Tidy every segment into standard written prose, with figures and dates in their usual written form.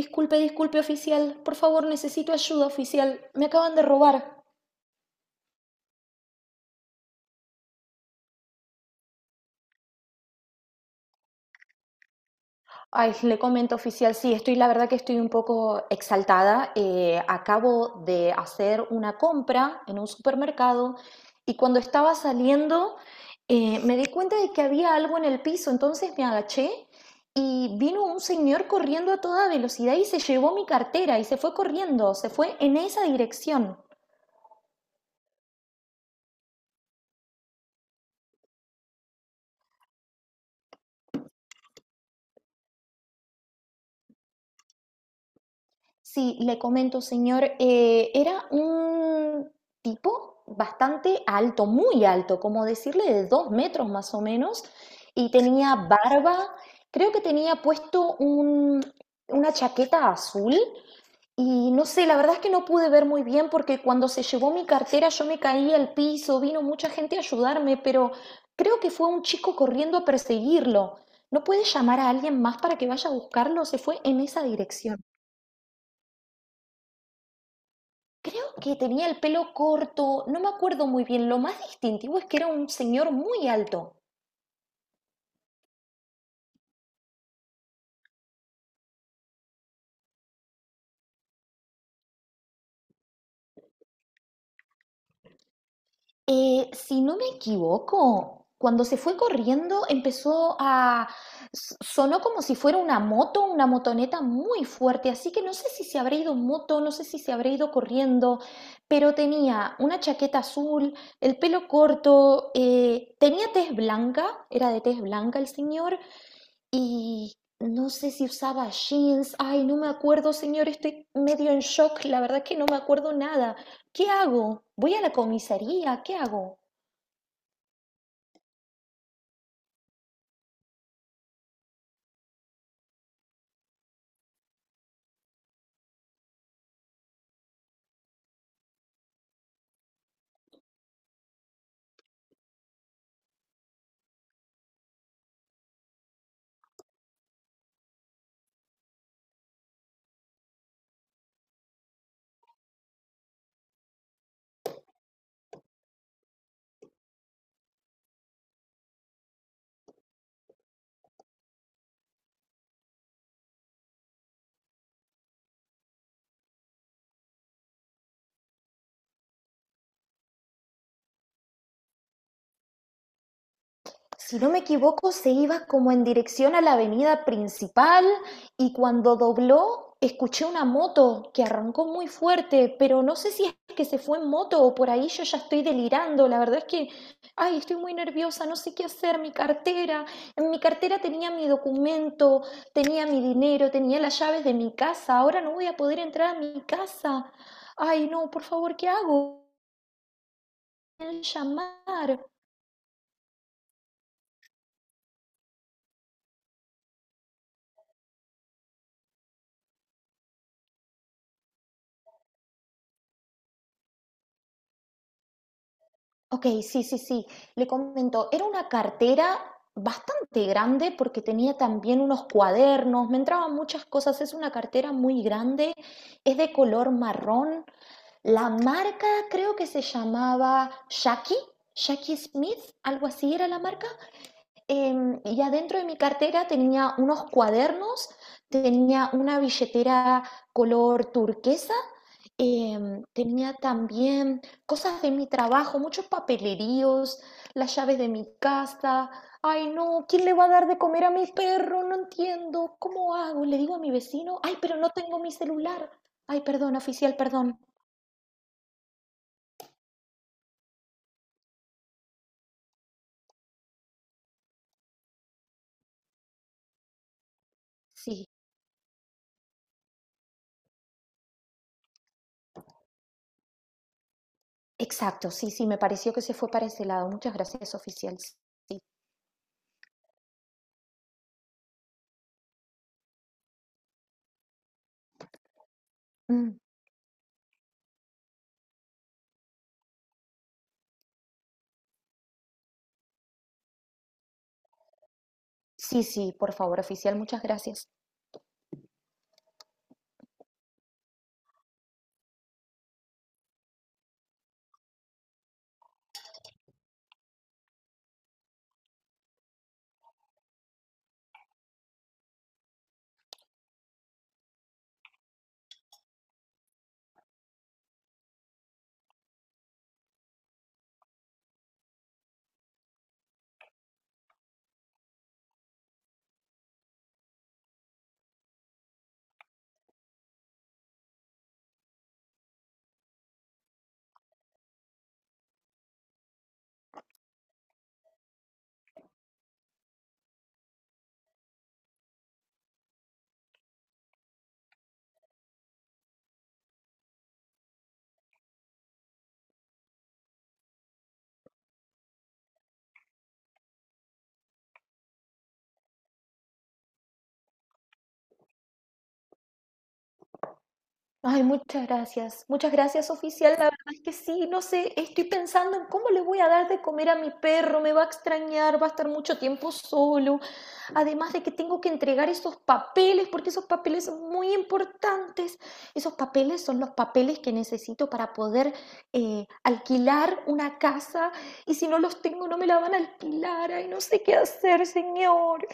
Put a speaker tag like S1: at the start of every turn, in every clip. S1: Disculpe, disculpe, oficial. Por favor, necesito ayuda, oficial. Me acaban de robar. Ay, le comento, oficial, sí, estoy, la verdad que estoy un poco exaltada. Acabo de hacer una compra en un supermercado y cuando estaba saliendo me di cuenta de que había algo en el piso, entonces me agaché y vino un señor corriendo a toda velocidad y se llevó mi cartera y se fue corriendo, se fue en esa dirección. Sí, le comento, señor, era un tipo bastante alto, muy alto, como decirle de 2 metros más o menos, y tenía barba, creo que tenía una chaqueta azul, y no sé, la verdad es que no pude ver muy bien porque cuando se llevó mi cartera yo me caí al piso, vino mucha gente a ayudarme, pero creo que fue un chico corriendo a perseguirlo. ¿No puede llamar a alguien más para que vaya a buscarlo? Se fue en esa dirección. Creo que tenía el pelo corto, no me acuerdo muy bien. Lo más distintivo es que era un señor muy alto. Si no me equivoco, cuando se fue corriendo empezó a... Sonó como si fuera una moto, una motoneta muy fuerte, así que no sé si se habrá ido en moto, no sé si se habrá ido corriendo, pero tenía una chaqueta azul, el pelo corto, tenía tez blanca, era de tez blanca el señor. Y no sé si usaba jeans. Ay, no me acuerdo, señor. Estoy medio en shock. La verdad que no me acuerdo nada. ¿Qué hago? ¿Voy a la comisaría? ¿Qué hago? Si no me equivoco, se iba como en dirección a la avenida principal y cuando dobló escuché una moto que arrancó muy fuerte, pero no sé si es que se fue en moto o por ahí yo ya estoy delirando. La verdad es que, ay, estoy muy nerviosa, no sé qué hacer, mi cartera. En mi cartera tenía mi documento, tenía mi dinero, tenía las llaves de mi casa. Ahora no voy a poder entrar a mi casa. Ay, no, por favor, ¿qué hago? Llamar. Okey, sí, sí, sí. Le comento, era una cartera bastante grande porque tenía también unos cuadernos, me entraban muchas cosas. Es una cartera muy grande, es de color marrón. La marca creo que se llamaba Jackie, Jackie Smith, algo así era la marca. Y adentro de mi cartera tenía unos cuadernos, tenía una billetera color turquesa. Tenía también cosas de mi trabajo, muchos papeleríos, las llaves de mi casa. Ay, no, ¿quién le va a dar de comer a mi perro? No entiendo. ¿Cómo hago? Le digo a mi vecino, ay, pero no tengo mi celular. Ay, perdón, oficial, perdón. Sí, exacto, sí, sí, me pareció que se fue para ese lado. Muchas gracias, oficial. Sí. Mm, sí, sí, por favor, oficial, muchas gracias. Ay, muchas gracias. Muchas gracias, oficial. La verdad es que sí, no sé, estoy pensando en cómo le voy a dar de comer a mi perro. Me va a extrañar, va a estar mucho tiempo solo. Además de que tengo que entregar esos papeles, porque esos papeles son muy importantes. Esos papeles son los papeles que necesito para poder alquilar una casa. Y si no los tengo, no me la van a alquilar. Ay, no sé qué hacer, señor.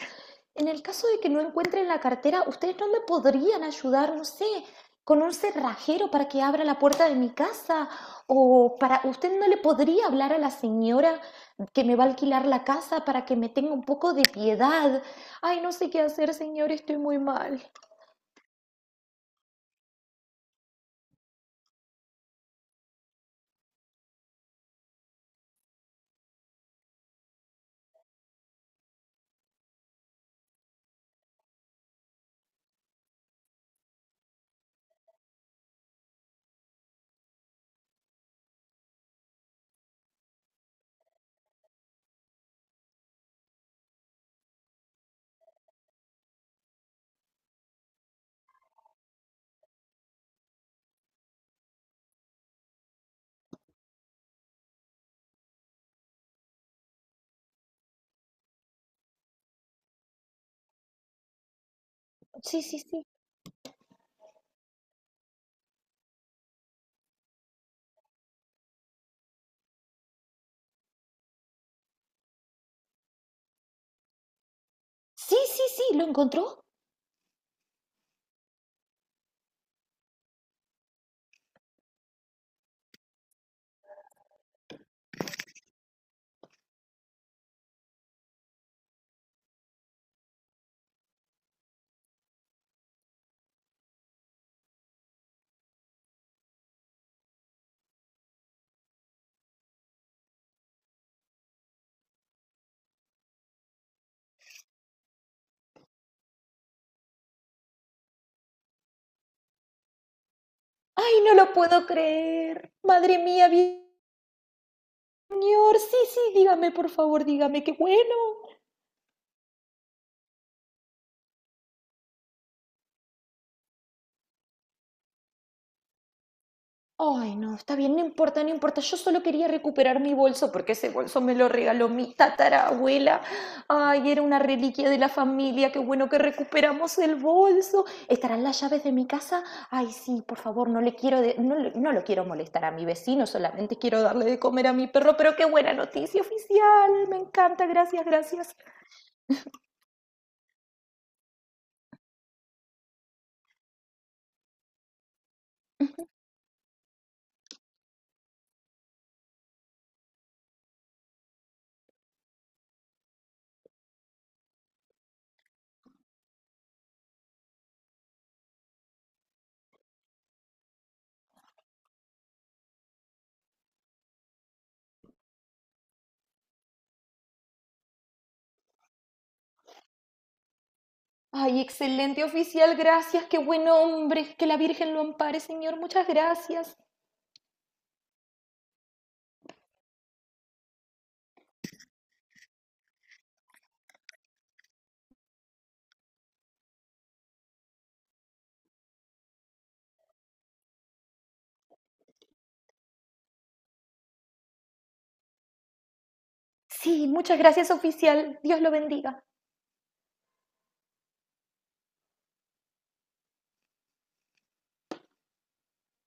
S1: En el caso de que no encuentren la cartera, ¿ustedes no me podrían ayudar, no sé, con un cerrajero para que abra la puerta de mi casa? ¿O para usted no le podría hablar a la señora que me va a alquilar la casa para que me tenga un poco de piedad? Ay, no sé qué hacer, señor, estoy muy mal. Sí, sí, sí. Sí, sí, sí, ¿lo encontró? Ay, no lo puedo creer. Madre mía, señor. Sí, sí, dígame, por favor, dígame, qué bueno. Ay, no, está bien, no importa, no importa. Yo solo quería recuperar mi bolso porque ese bolso me lo regaló mi tatarabuela. Ay, era una reliquia de la familia. Qué bueno que recuperamos el bolso. ¿Estarán las llaves de mi casa? Ay, sí, por favor, no le quiero de- no, le- no lo quiero molestar a mi vecino, solamente quiero darle de comer a mi perro, pero qué buena noticia oficial. Me encanta, gracias, gracias. Ay, excelente oficial, gracias, qué buen hombre, que la Virgen lo ampare, señor, muchas gracias. Sí, muchas gracias oficial. Dios lo bendiga.